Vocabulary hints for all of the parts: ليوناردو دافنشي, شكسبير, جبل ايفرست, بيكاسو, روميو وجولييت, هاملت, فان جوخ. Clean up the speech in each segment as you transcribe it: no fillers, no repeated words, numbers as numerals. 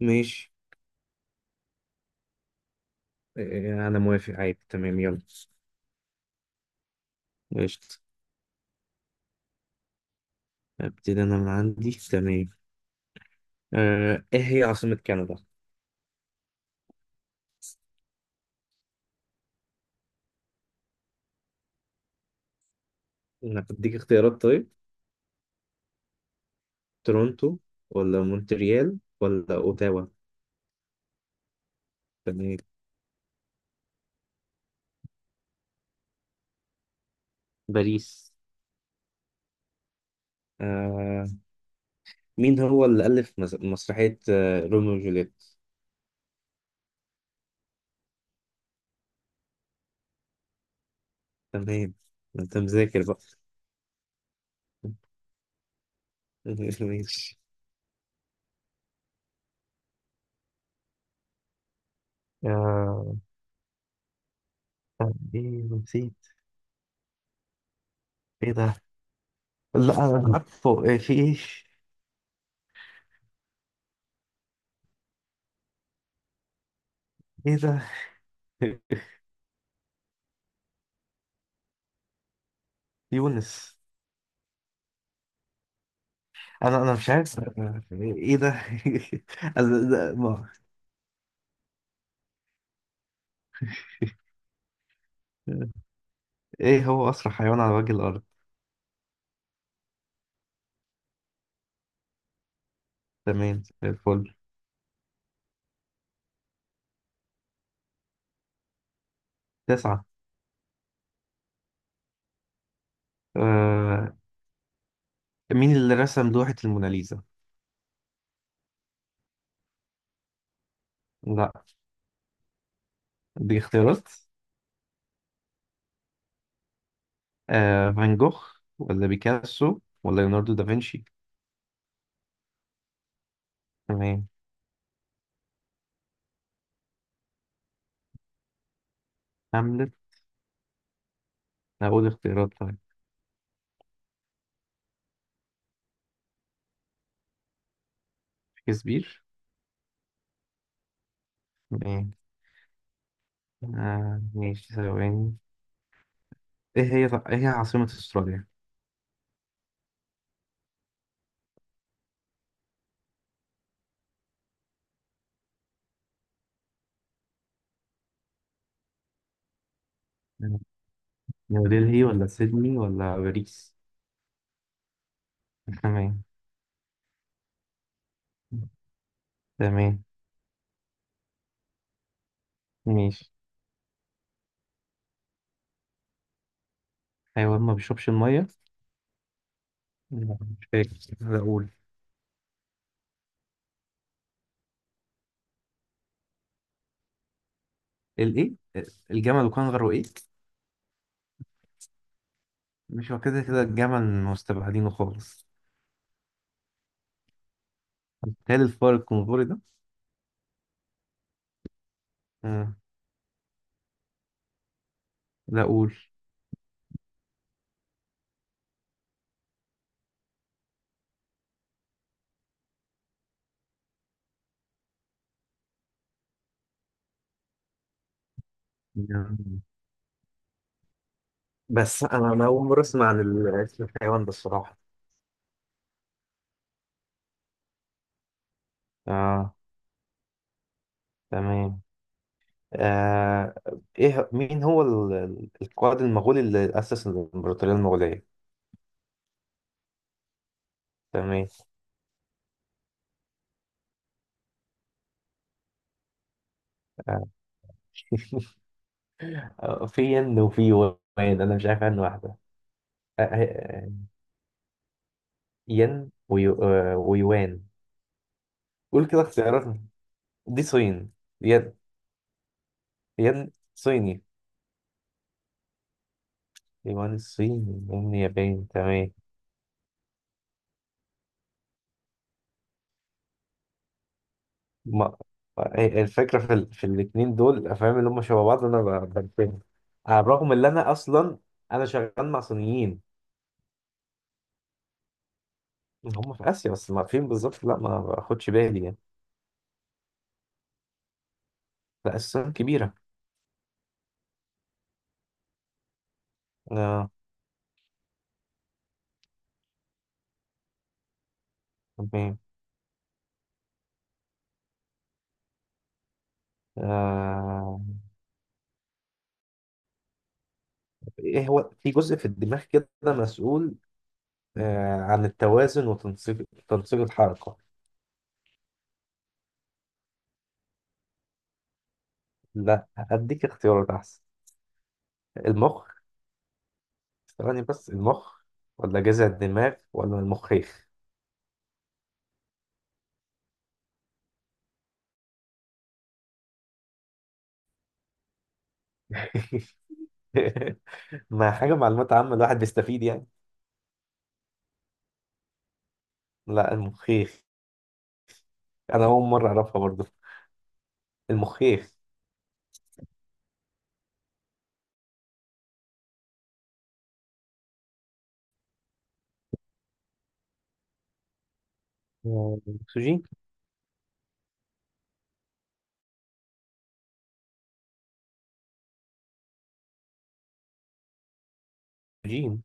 ماشي. آه، انا موافق عادي تمام، يلا. قشطة. ابتدي انا من عندي، تمام. ايه هي عاصمة كندا؟ انا بديك اختيارات طيب. تورونتو، ولا مونتريال، ولا اوتاوا؟ تمام. باريس. آه، مين هو اللي ألف مسرحية روميو وجولييت؟ تمام. ما انت مذاكر بقى. ماشي. آه، ايه، نسيت. ايه ده؟ لا، انا عارفه، إيه، في ايش. ايه ده؟ يونس. انا مش عارف إيه ده. أنا- ده- ما- ايه هو اسرع حيوان على وجه الارض؟ تمام، زي الفل. تسعة. آه مين اللي رسم لوحة الموناليزا؟ لا، دي اختيارات. فان جوخ، ولا بيكاسو، ولا ليوناردو دافنشي؟ تمام. هاملت. اقول اختيارات طيب. شكسبير. تمام. ماشي، ثواني. ايه هي عاصمة استراليا؟ نيودلهي، ولا سيدني، ولا باريس؟ تمام. تمام، ماشي. حيوان ما بيشربش الميه؟ لا، مش فاكر. اقول. الايه؟ الجمل، وكان غيره ايه؟ مش هو كده كده الجمل مستبعدينه خالص؟ هل الفار الكنغوري ده؟ آه. لا، اقول. يعني- بس انا اول مره اسمع عن اسم الحيوان ده الصراحه. اه، تمام. آه. ايه، مين هو القائد المغولي اللي اسس الامبراطوريه المغوليه؟ تمام. آه. في ين وفي وان. انا مش عارف عنه واحده. آه، آه، آه، ين، ويوان. قول كده اختياراتنا. دي صين. ين. ين صيني. يوان الصيني، ين ياباني، تمام. ما الفكرة في الاتنين دول الأفلام اللي هم شبه بعض، أنا بنفهم. على الرغم إن أنا أصلا أنا شغال مع صينيين، هم في آسيا، بس ما فين بالظبط، لا، ما باخدش بالي يعني. لا، الصين كبيرة. آه. تمام. آه إيه، هو في جزء في الدماغ كده مسؤول عن التوازن وتنسيق الحركة؟ لا، أديك اختيارات أحسن. المخ؟ ثواني، بس المخ، ولا جذع الدماغ، ولا المخيخ؟ ما حاجة معلومات عامة، الواحد بيستفيد يعني. لا، المخيخ. أنا أول مرة أعرفها برضه. المخيخ. أكسجين. أكسجين.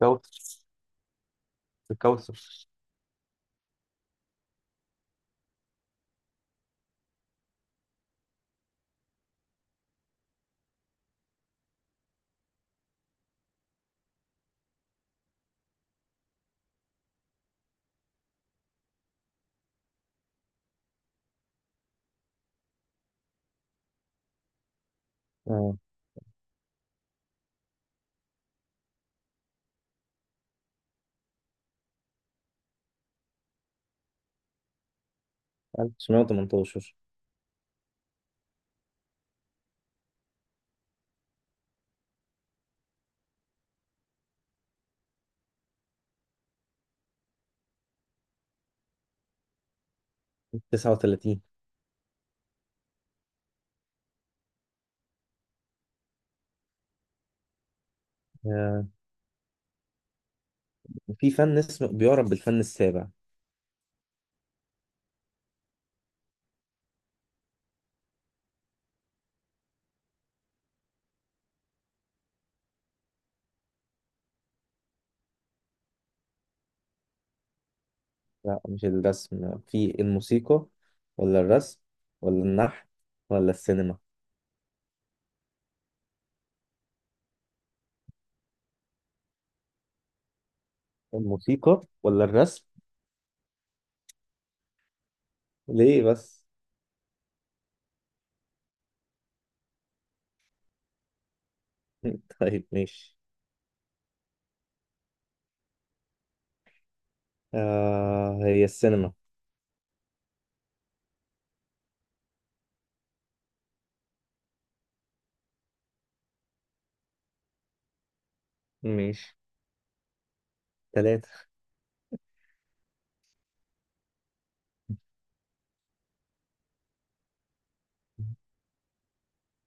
كوثر. الكوثر. اه. 1918. 39. آه، في فن اسمه بيعرف بالفن السابع. لا، مش الرسم. في الموسيقى، ولا الرسم، ولا النحت، ولا السينما؟ الموسيقى ولا الرسم؟ ليه بس؟ طيب، ماشي. هي السينما. ماشي. ثلاثة.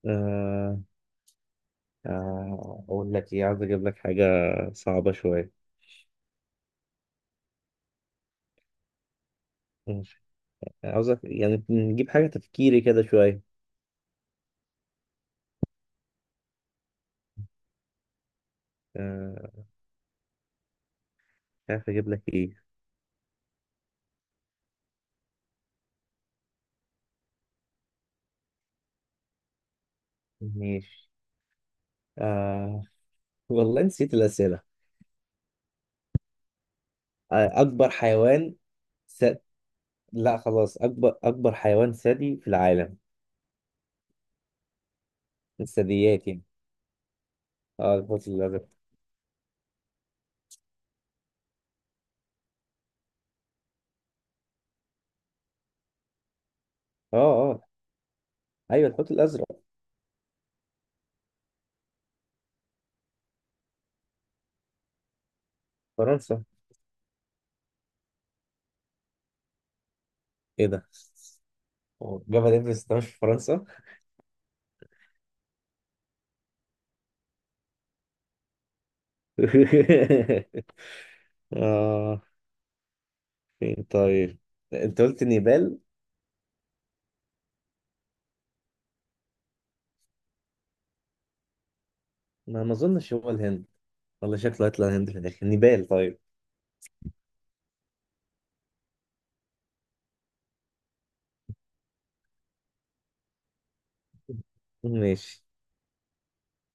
آه أقول لك إيه، عاوز أجيب لك حاجة صعبة شوية. ماشي. عاوزك يعني نجيب حاجة تفكيري كده شوية. آه مش عارف أجيب لك إيه. ماشي. آه والله نسيت الأسئلة. أكبر حيوان س... لا خلاص، أكبر حيوان ثدي في العالم. الثدييات يعني. اه، الحوت الأزرق. اه، اه، أيوه، الحوت الأزرق. فرنسا. ايه ده؟ هو جبل ايفرست ده مش في فرنسا؟ اه، فين طيب؟ انت قلت نيبال. ما اظنش هو الهند. والله شكله هيطلع الهند في الاخر. نيبال طيب. ماشي.